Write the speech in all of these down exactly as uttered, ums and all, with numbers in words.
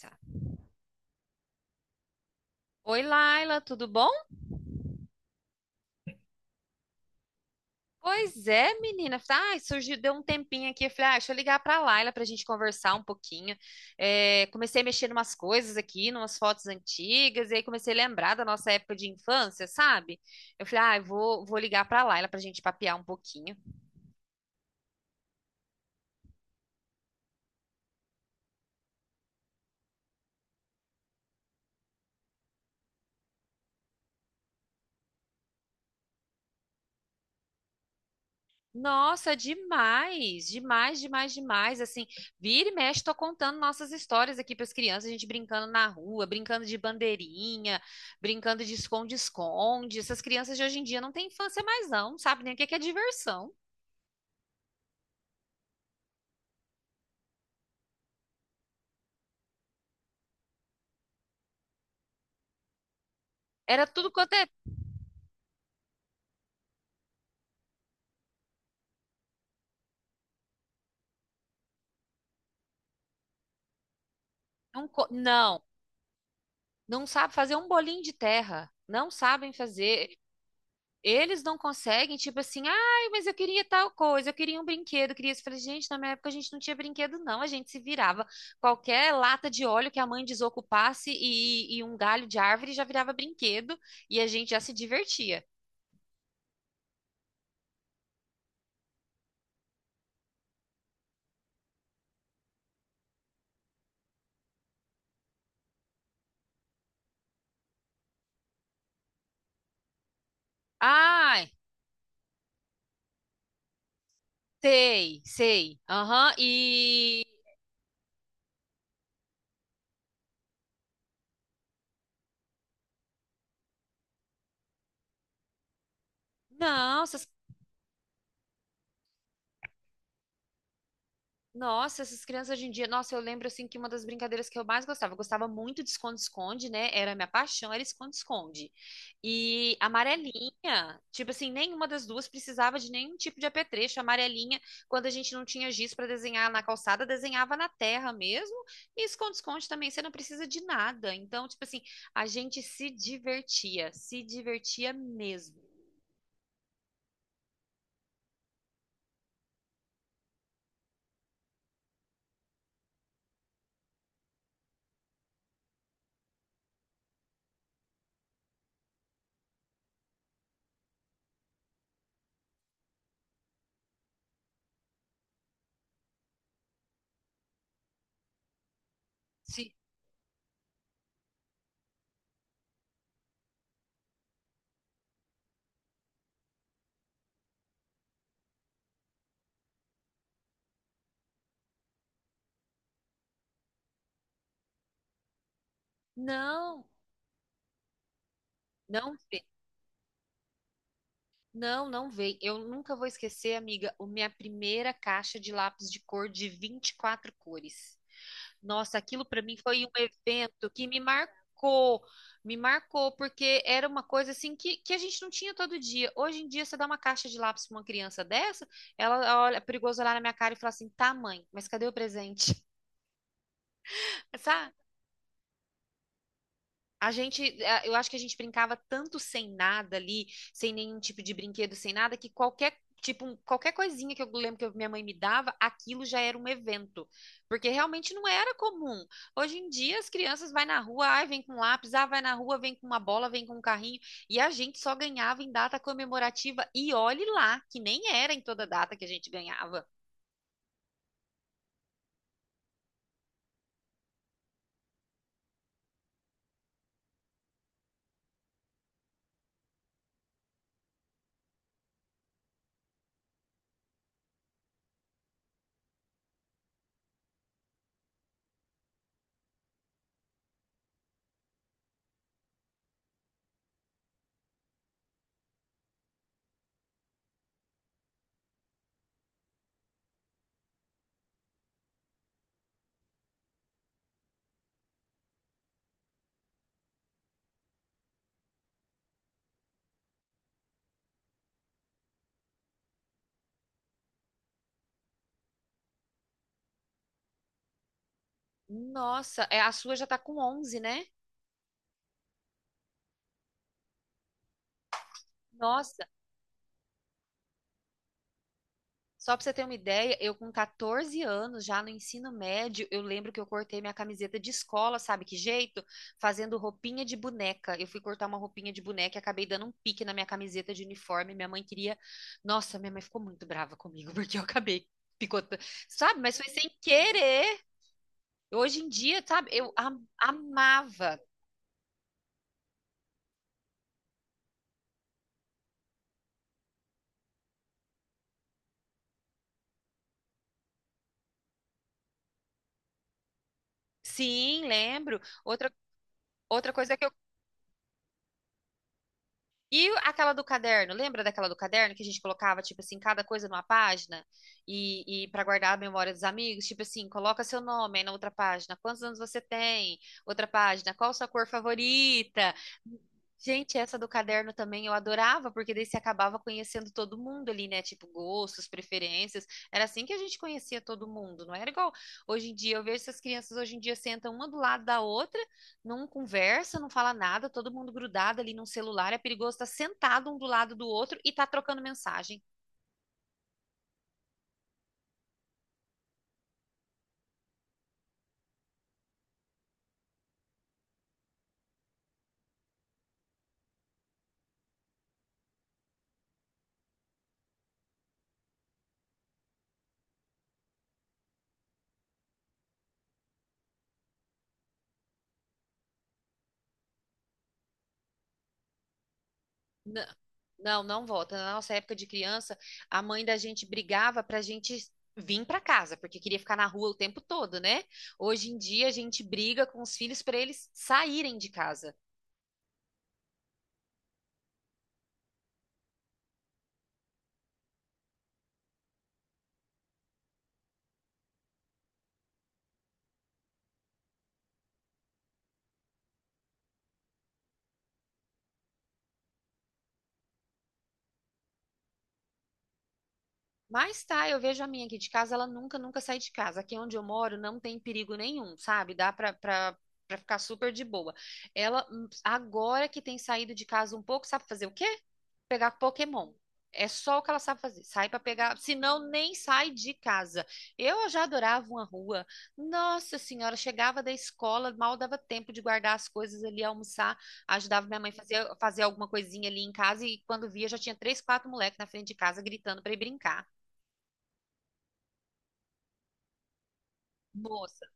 Tá. Oi, Laila, tudo bom? Pois é, menina. Ai, surgiu, deu um tempinho aqui. Eu falei, ah, deixa eu ligar pra Laila pra gente conversar um pouquinho. É, comecei a mexer em umas coisas aqui, numas fotos antigas, e aí comecei a lembrar da nossa época de infância, sabe? Eu falei, ah, eu vou, vou ligar pra Laila pra gente papear um pouquinho. Nossa, demais, demais, demais, demais. Assim, vira e mexe, tô contando nossas histórias aqui para as crianças, a gente brincando na rua, brincando de bandeirinha, brincando de esconde-esconde. Essas crianças de hoje em dia não têm infância mais, não, não sabe nem o que que é diversão. Era tudo quanto é. um co- Não, não sabe fazer um bolinho de terra. Não sabem fazer. Eles não conseguem, tipo assim, ai, mas eu queria tal coisa, eu queria um brinquedo, eu queria isso. Eu falei, gente, na minha época a gente não tinha brinquedo, não, a gente se virava. Qualquer lata de óleo que a mãe desocupasse e, e um galho de árvore já virava brinquedo e a gente já se divertia. Ai, sei, sei, aham, e. Não. essas Nossa, essas crianças hoje em dia, nossa, eu lembro assim que uma das brincadeiras que eu mais gostava, eu gostava muito de esconde-esconde, né? Era a minha paixão, era esconde-esconde. E amarelinha, tipo assim, nenhuma das duas precisava de nenhum tipo de apetrecho. Amarelinha, quando a gente não tinha giz para desenhar na calçada, desenhava na terra mesmo. E esconde-esconde também, você não precisa de nada. Então, tipo assim, a gente se divertia, se divertia mesmo. Se... Não, não. Não, não veio. Eu nunca vou esquecer, amiga, a minha primeira caixa de lápis de cor de vinte e quatro cores. Nossa, aquilo para mim foi um evento que me marcou. Me marcou, porque era uma coisa assim que, que a gente não tinha todo dia. Hoje em dia, você dá uma caixa de lápis para uma criança dessa, ela olha, é perigoso olhar na minha cara e falar assim: tá, mãe, mas cadê o presente? Sabe? A gente, a- eu acho que a gente brincava tanto sem nada ali, sem nenhum tipo de brinquedo, sem nada, que qualquer tipo, um- qualquer coisinha que eu lembro que eu- minha mãe me dava, aquilo já era um evento, porque realmente não era comum. Hoje em dia as crianças vai na rua, ai, vem com lápis, ah, vai na rua, vem com uma bola, vem com um carrinho, e a gente só ganhava em data comemorativa e olhe lá, que nem era em toda data que a gente ganhava. Nossa, é, a sua já tá com onze, né? Nossa, só pra você ter uma ideia, eu com quatorze anos, já no ensino médio, eu lembro que eu cortei minha camiseta de escola, sabe que jeito? Fazendo roupinha de boneca. Eu fui cortar uma roupinha de boneca e acabei dando um pique na minha camiseta de uniforme. Minha mãe queria. Nossa, minha mãe ficou muito brava comigo, porque eu acabei picotando. Sabe? Mas foi sem querer. Hoje em dia, sabe? Eu am- amava. Sim, lembro. Outra, outra coisa que eu E aquela do caderno, lembra daquela do caderno que a gente colocava, tipo assim, cada coisa numa página e, e para guardar a memória dos amigos, tipo assim, coloca seu nome aí na outra página, quantos anos você tem? Outra página, qual sua cor favorita? Gente, essa do caderno também eu adorava, porque daí você acabava conhecendo todo mundo ali, né? Tipo, gostos, preferências. Era assim que a gente conhecia todo mundo, não era igual hoje em dia. Eu vejo essas crianças hoje em dia sentam uma do lado da outra, não conversa, não fala nada, todo mundo grudado ali num celular, é perigoso estar sentado um do lado do outro e tá trocando mensagem. N- Não, não volta. Na nossa época de criança, a mãe da gente brigava pra gente vir pra casa, porque queria ficar na rua o tempo todo, né? Hoje em dia a gente briga com os filhos pra eles saírem de casa. Mas tá, eu vejo a minha aqui de casa, ela nunca, nunca sai de casa. Aqui onde eu moro não tem perigo nenhum, sabe? Dá pra, pra, pra ficar super de boa. Ela, hum, agora que tem saído de casa um pouco, sabe fazer o quê? Pegar Pokémon. É só o que ela sabe fazer. Sai pra pegar, senão nem sai de casa. Eu já adorava uma rua. Nossa senhora, chegava da escola, mal dava tempo de guardar as coisas ali, almoçar, ajudava minha mãe a fazer, fazer alguma coisinha ali em casa e quando via já tinha três, quatro moleques na frente de casa gritando pra ir brincar. Moça,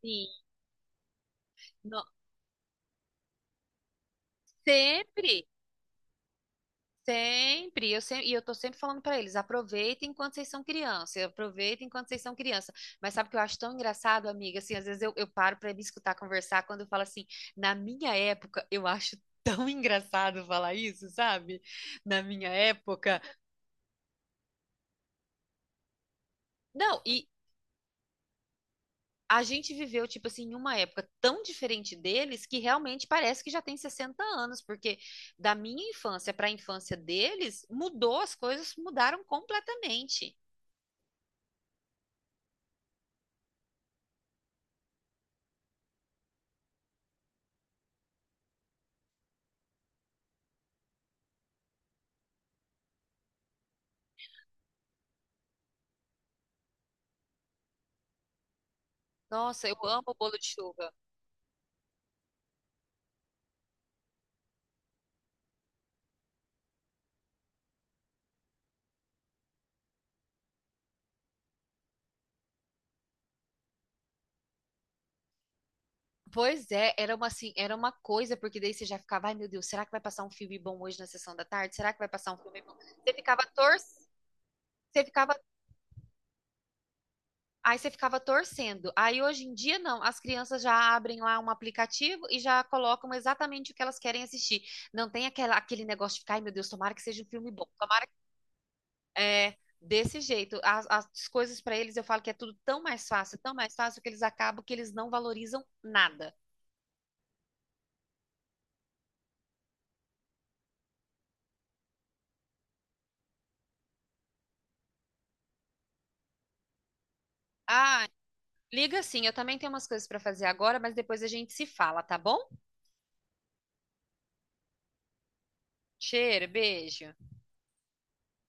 sim. No- Sempre, sempre. Eu sempre, e eu tô sempre falando pra eles, aproveitem enquanto vocês são criança, aproveitem enquanto vocês são criança. Mas sabe o que eu acho tão engraçado, amiga? Assim, às vezes eu, eu paro pra me escutar conversar quando eu falo assim, na minha época, eu acho tão engraçado falar isso, sabe? Na minha época. Não, e a gente viveu, tipo assim, em uma época tão diferente deles que realmente parece que já tem sessenta anos, porque da minha infância para a infância deles, mudou, as coisas mudaram completamente. Nossa, eu amo o bolo de chuva. Pois é, era uma assim, era uma coisa, porque daí você já ficava, ai meu Deus, será que vai passar um filme bom hoje na sessão da tarde? Será que vai passar um filme bom? Você ficava torcendo, você ficava aí você ficava torcendo. Aí hoje em dia, não. As crianças já abrem lá um aplicativo e já colocam exatamente o que elas querem assistir. Não tem aquela, aquele negócio de ficar, ai meu Deus, tomara que seja um filme bom. Tomara que. É, desse jeito. As, as coisas para eles, eu falo que é tudo tão mais fácil, tão mais fácil, que eles acabam que eles não valorizam nada. Ah, liga sim, eu também tenho umas coisas para fazer agora, mas depois a gente se fala, tá bom? Cheiro, beijo.